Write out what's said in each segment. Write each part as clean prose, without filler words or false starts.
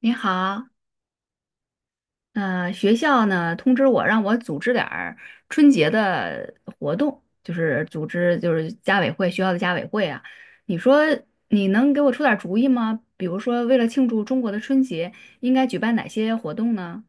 你好，学校呢通知我让我组织点儿春节的活动，就是组织就是家委会学校的家委会啊。你说你能给我出点儿主意吗？比如说为了庆祝中国的春节，应该举办哪些活动呢？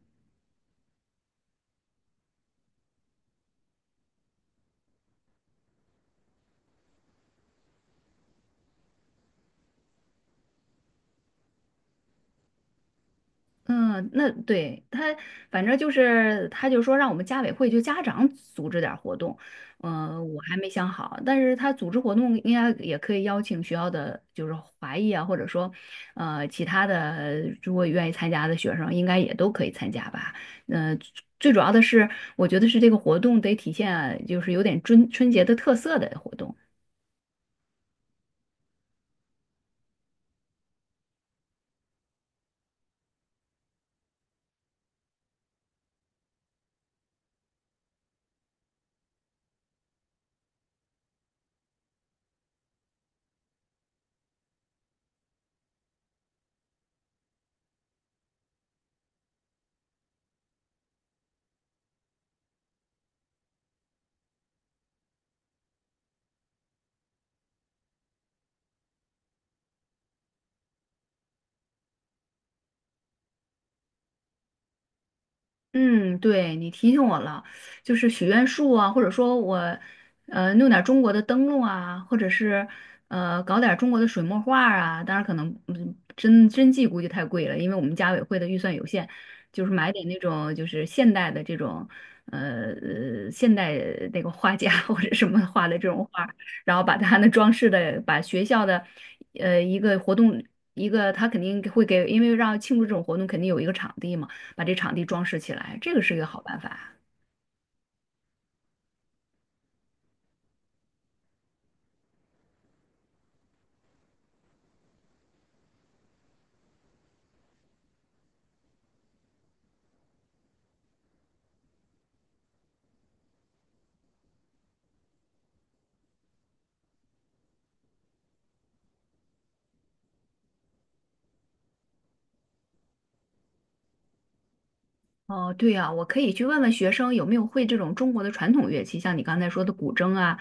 嗯，那对他，反正就是，他就说让我们家委会就家长组织点儿活动，嗯，我还没想好，但是他组织活动应该也可以邀请学校的就是华裔啊，或者说，其他的如果愿意参加的学生，应该也都可以参加吧。嗯，最主要的是，我觉得是这个活动得体现就是有点春节的特色的活动。嗯，对，你提醒我了，就是许愿树啊，或者说我，弄点儿中国的灯笼啊，或者是搞点儿中国的水墨画儿啊。当然，可能嗯，真迹估计太贵了，因为我们家委会的预算有限，就是买点那种就是现代的这种，呃，呃现代那个画家 或者什么画的这种画儿，然后把它的装饰的，把学校的，一个活动，一个他肯定会给，因为让庆祝这种活动，肯定有一个场地嘛。把这场地装饰起来，这个是一个好办法啊。哦，对呀，我可以去问问学生有没有会这种中国的传统乐器，像你刚才说的古筝啊，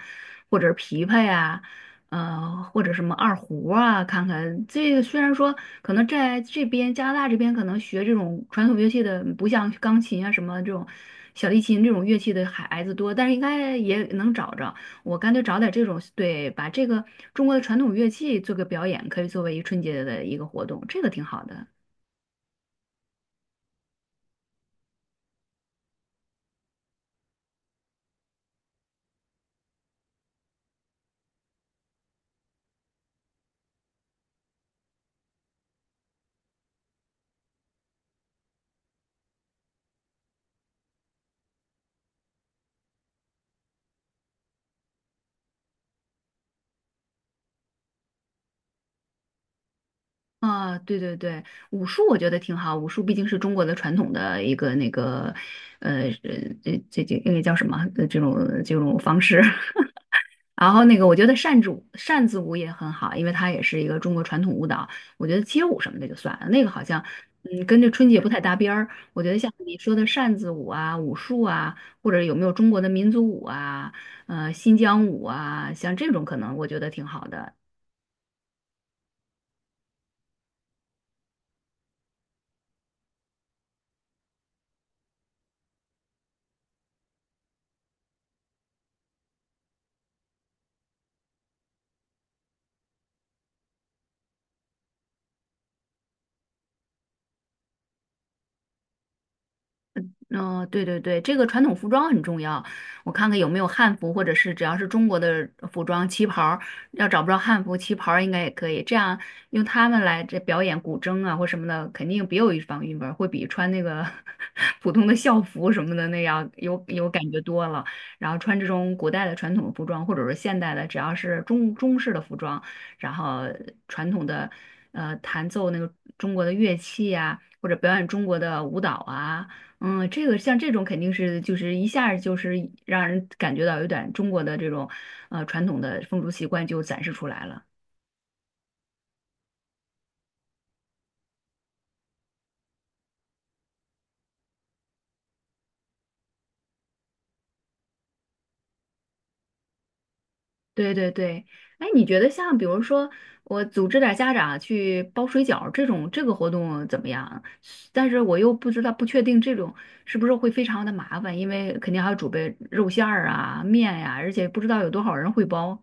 或者是琵琶呀、或者什么二胡啊，看看这个虽然说可能在这边加拿大这边可能学这种传统乐器的，不像钢琴啊什么这种小提琴这种乐器的孩子多，但是应该也能找着。我干脆找点这种，对，把这个中国的传统乐器做个表演，可以作为一春节的一个活动，这个挺好的。啊，对对对，武术我觉得挺好。武术毕竟是中国的传统的一个那个，呃，呃这那个叫什么？呃这种这种方式。然后那个，我觉得扇子舞也很好，因为它也是一个中国传统舞蹈。我觉得街舞什么的就算了，那个好像嗯跟这春节不太搭边儿。我觉得像你说的扇子舞啊、武术啊，或者有没有中国的民族舞啊、新疆舞啊，像这种可能我觉得挺好的。嗯、对对对，这个传统服装很重要。我看看有没有汉服，或者是只要是中国的服装，旗袍儿要找不着汉服，旗袍儿应该也可以。这样用他们来这表演古筝啊或什么的，肯定别有一番韵味儿会比穿那个 普通的校服什么的那样有感觉多了。然后穿这种古代的传统服装，或者是现代的，只要是中式的服装，然后传统的弹奏那个中国的乐器啊，或者表演中国的舞蹈啊。嗯，这个像这种肯定是就是一下儿就是让人感觉到有点中国的这种传统的风俗习惯就展示出来了。对对对，哎，你觉得像比如说我组织点儿家长啊去包水饺儿这种这个活动怎么样啊？但是我又不知道不确定这种是不是会非常的麻烦，因为肯定还要准备肉馅儿啊、面呀、而且不知道有多少人会包。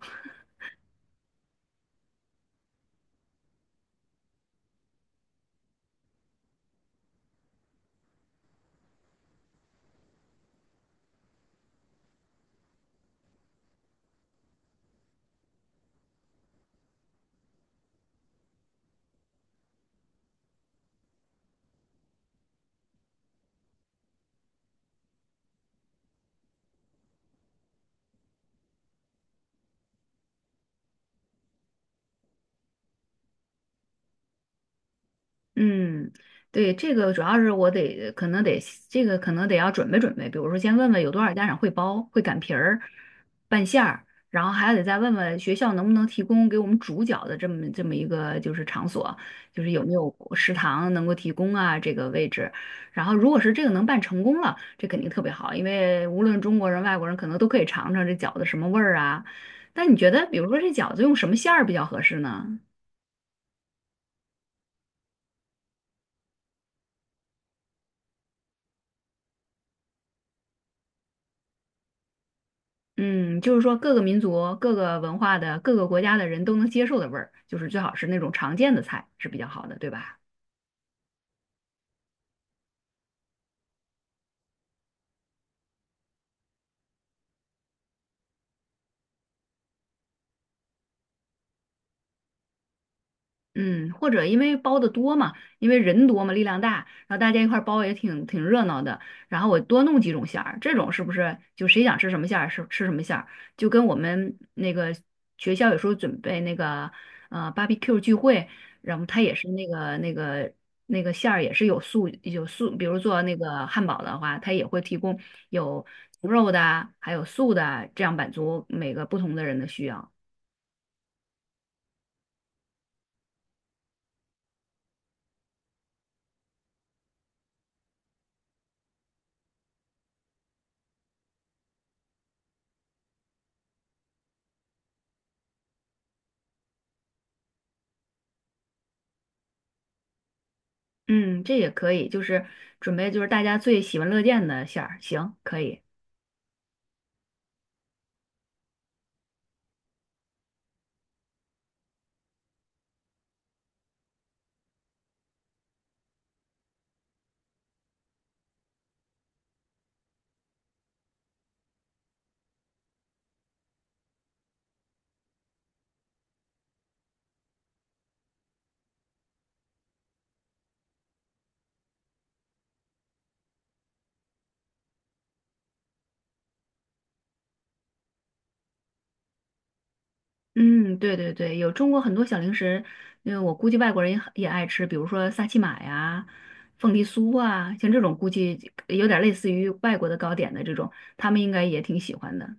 嗯，对，这个主要是我得可能得要准备准备，比如说先问问有多少家长会包、会擀皮儿、拌馅儿，然后还得再问问学校能不能提供给我们煮饺子这么一个就是场所，就是有没有食堂能够提供啊这个位置。然后如果是这个能办成功了，这肯定特别好，因为无论中国人、外国人可能都可以尝尝这饺子什么味儿啊。但你觉得，比如说这饺子用什么馅儿比较合适呢？嗯，就是说各个民族、各个文化的、各个国家的人都能接受的味儿，就是最好是那种常见的菜是比较好的，对吧？嗯，或者因为包的多嘛，因为人多嘛，力量大，然后大家一块儿包也挺热闹的。然后我多弄几种馅儿，这种是不是就谁想吃什么馅儿是吃什么馅儿？就跟我们那个学校有时候准备那个barbecue 聚会，然后它也是那个馅儿也是有素，比如做那个汉堡的话，它也会提供有牛肉的啊还有素的啊这样满足每个不同的人的需要。嗯，这也可以，就是准备就是大家最喜闻乐见的馅儿，行，可以。嗯，对对对，有中国很多小零食，因为我估计外国人也很也爱吃，比如说萨琪玛呀、凤梨酥啊，像这种估计有点类似于外国的糕点的这种，他们应该也挺喜欢的。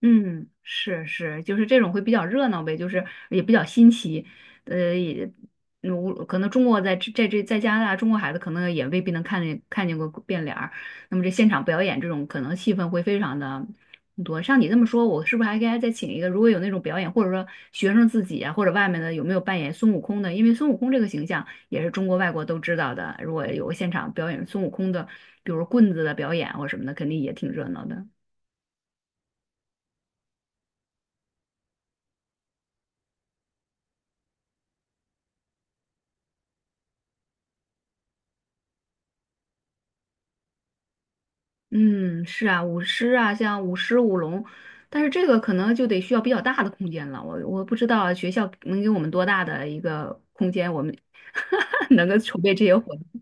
嗯，是是，就是这种会比较热闹呗，就是也比较新奇，呃，也，嗯无可能中国在这在加拿大，中国孩子可能也未必能看见过变脸儿，那么这现场表演这种可能气氛会非常的多。像你这么说，我是不是还应该再请一个？如果有那种表演，或者说学生自己啊，或者外面的有没有扮演孙悟空的？因为孙悟空这个形象也是中国外国都知道的，如果有个现场表演孙悟空的，比如棍子的表演或什么的，肯定也挺热闹的。嗯，是啊，舞狮啊，像舞狮、舞龙，但是这个可能就得需要比较大的空间了。我不知道学校能给我们多大的一个空间，我们 能够筹备这些活动。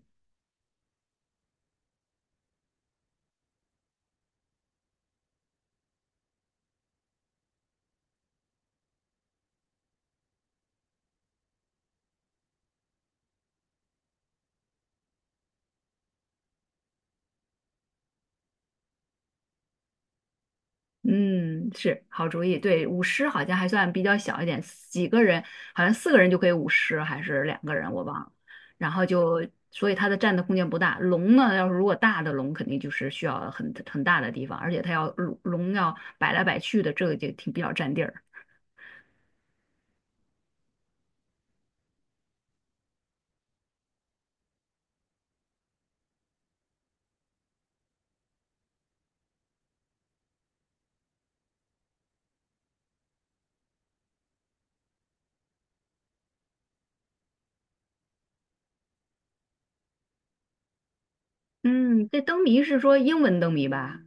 嗯，是好主意。对，舞狮好像还算比较小一点，几个人好像四个人就可以舞狮，还是两个人我忘了。然后就所以它的占的空间不大。龙呢，要是如果大的龙，肯定就是需要很很大的地方，而且它要龙要摆来摆去的，这个就挺比较占地儿。嗯，这灯谜是说英文灯谜吧？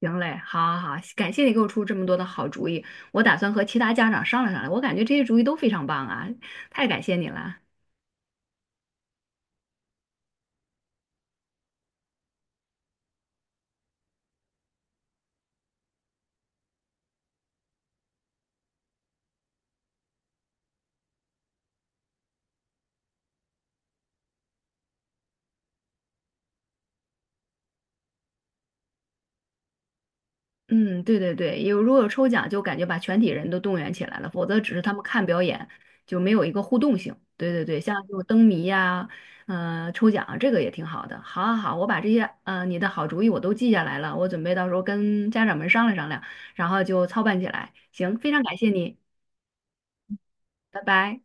行嘞，好好好，感谢你给我出这么多的好主意，我打算和其他家长商量商量。我感觉这些主意都非常棒啊，太感谢你了。嗯，对对对，有如果有抽奖，就感觉把全体人都动员起来了，否则只是他们看表演，就没有一个互动性。对对对，像这种灯谜呀、抽奖啊这个也挺好的。好好好，我把这些你的好主意我都记下来了，我准备到时候跟家长们商量商量，然后就操办起来。行，非常感谢你，拜拜。